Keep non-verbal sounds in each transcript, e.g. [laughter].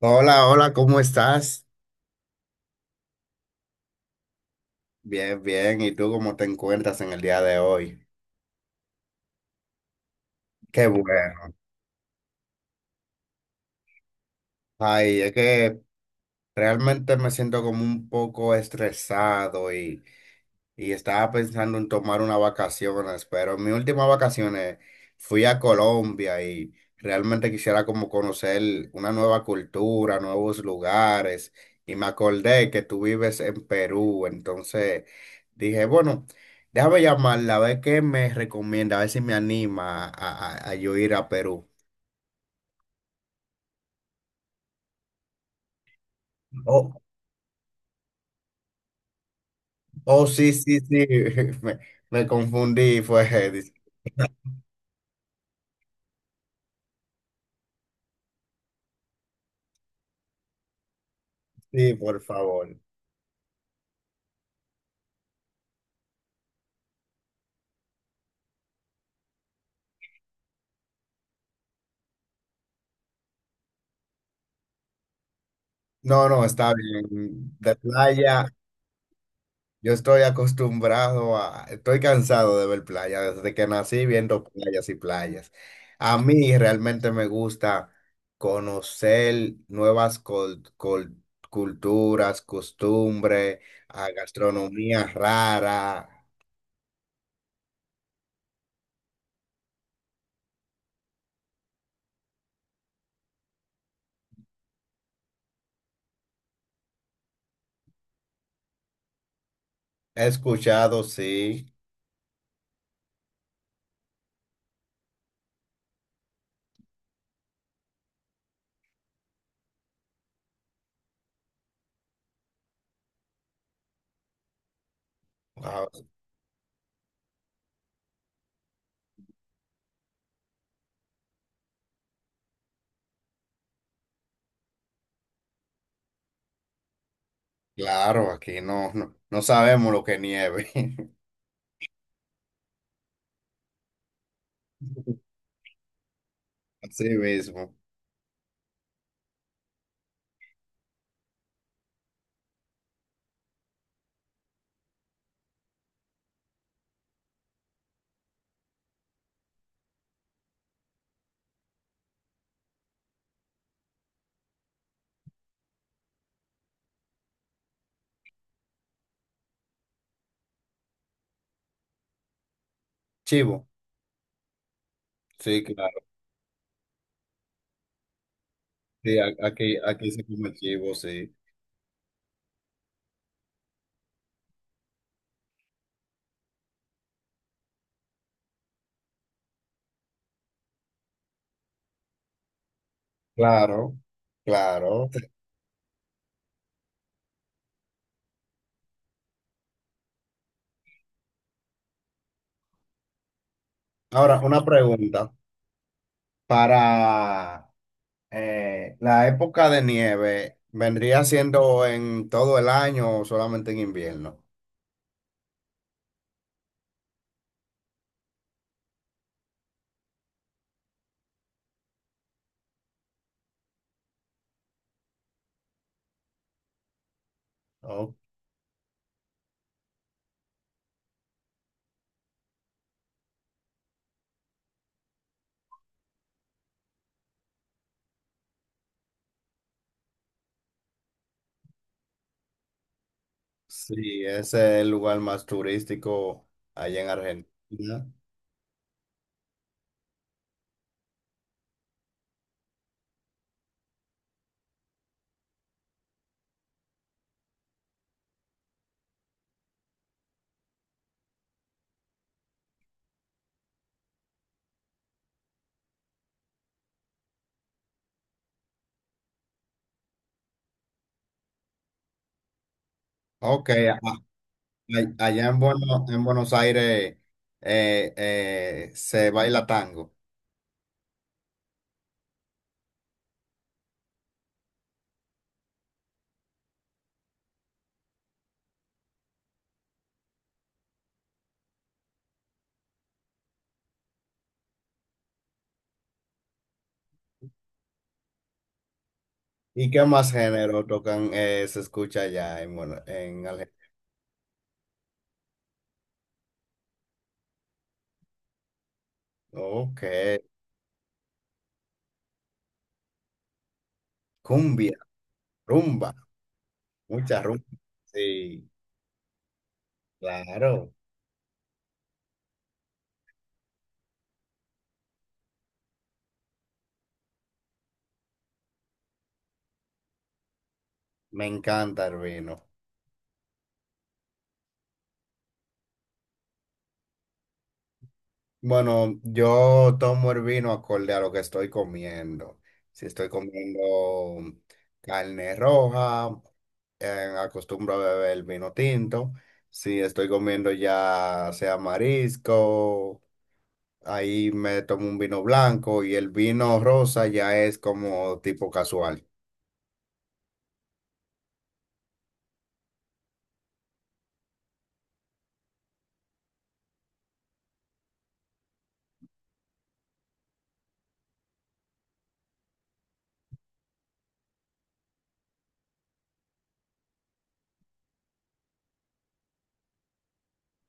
Hola, hola, ¿cómo estás? Bien, bien. ¿Y tú cómo te encuentras en el día de hoy? Qué bueno. Ay, es que realmente me siento como un poco estresado y estaba pensando en tomar unas vacaciones, pero en mis últimas vacaciones fui a Colombia y realmente quisiera como conocer una nueva cultura, nuevos lugares. Y me acordé que tú vives en Perú, entonces dije, bueno, déjame llamarla, a ver qué me recomienda, a ver si me anima a yo ir a Perú. Oh, oh, sí, sí, sí, [laughs] me, me confundí, [laughs] sí, por favor. No, no, está bien. De playa, yo estoy estoy cansado de ver playas, desde que nací viendo playas y playas. A mí realmente me gusta conocer nuevas culturas, costumbres, a gastronomía rara. He escuchado, sí, ah, claro, aquí no, no, no sabemos lo que nieve. [laughs] Así mismo. Chivo, sí, claro. Sí, aquí, aquí se come chivo, sí. Claro, claro. Ahora, una pregunta. Para la época de nieve, ¿vendría siendo en todo el año o solamente en invierno? Oh, sí, ese es el lugar más turístico allá en Argentina. Ok. Allá en Buenos Aires se baila tango. ¿Y qué más género tocan, se escucha allá en, Argentina? Ok, cumbia, rumba, mucha rumba. Sí. Claro, me encanta el vino. Bueno, yo tomo el vino acorde a lo que estoy comiendo. Si estoy comiendo carne roja, acostumbro a beber vino tinto. Si estoy comiendo ya sea marisco, ahí me tomo un vino blanco y el vino rosa ya es como tipo casual.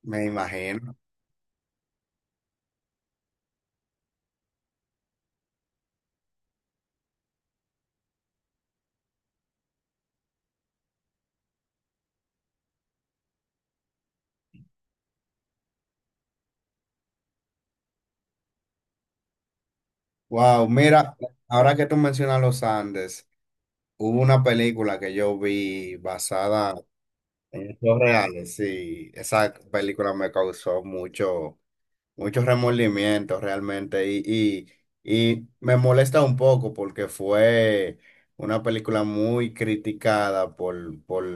Me imagino. Wow, mira, ahora que tú mencionas los Andes. Hubo una película que yo vi basada en hechos reales, sí, esa película me causó mucho, mucho remordimiento realmente y me molesta un poco porque fue una película muy criticada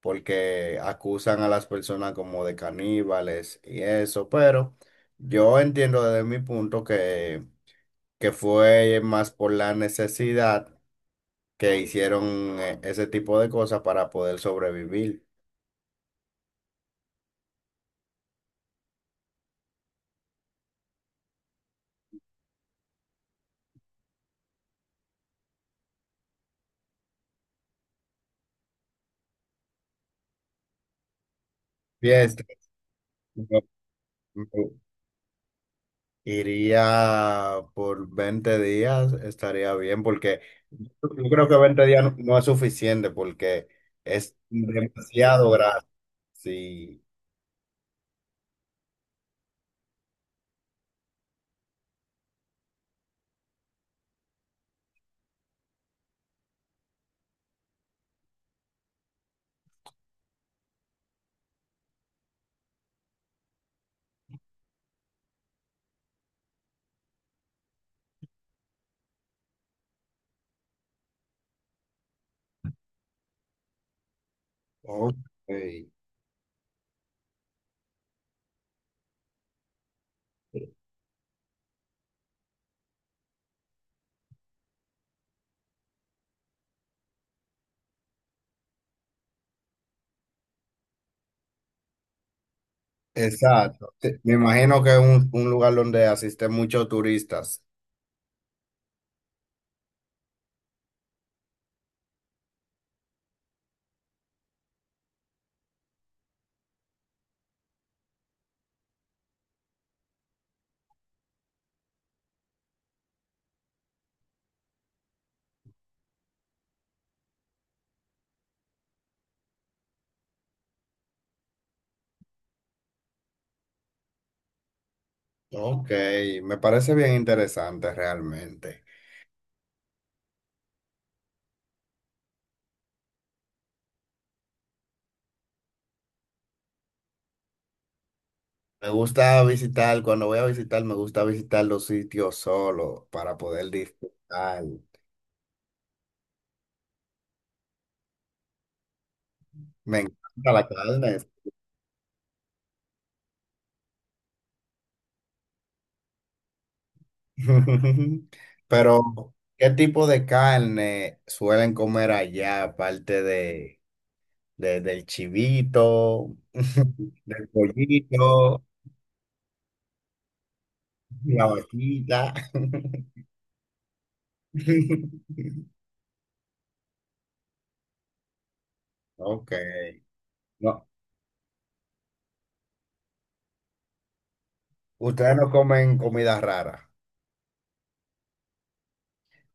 porque acusan a las personas como de caníbales y eso, pero yo entiendo desde mi punto que fue más por la necesidad que hicieron ese tipo de cosas para poder sobrevivir. Fiesta. Iría por 20 días, estaría bien, porque yo creo que 20 días no, no es suficiente, porque es demasiado grande. Sí. Ok. Exacto. Me imagino que es un lugar donde asisten muchos turistas. Ok, me parece bien interesante realmente. Me gusta visitar, cuando voy a visitar, me gusta visitar los sitios solo para poder disfrutar. Me encanta la carne. [laughs] Pero, ¿qué tipo de carne suelen comer allá, aparte del chivito, [laughs] del pollito, la vaquita? [laughs] Ok. No, ustedes no comen comida rara.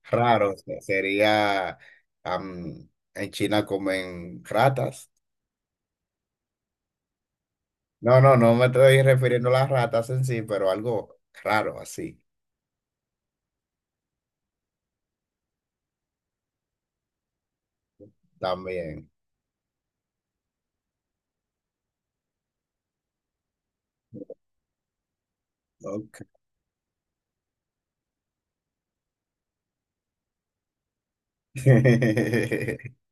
Raro, o sea, sería am, en China comen ratas. No, no, no me estoy refiriendo a las ratas en sí, pero algo raro así también. Ok. [laughs]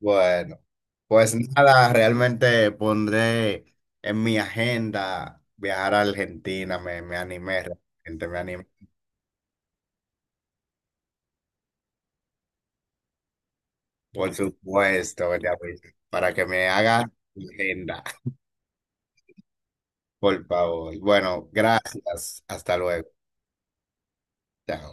Bueno, pues nada, realmente pondré en mi agenda viajar a Argentina, me animé, realmente me animé. Por supuesto, ya ves, para que me haga agenda, [laughs] por favor. Bueno, gracias, hasta luego. Chao.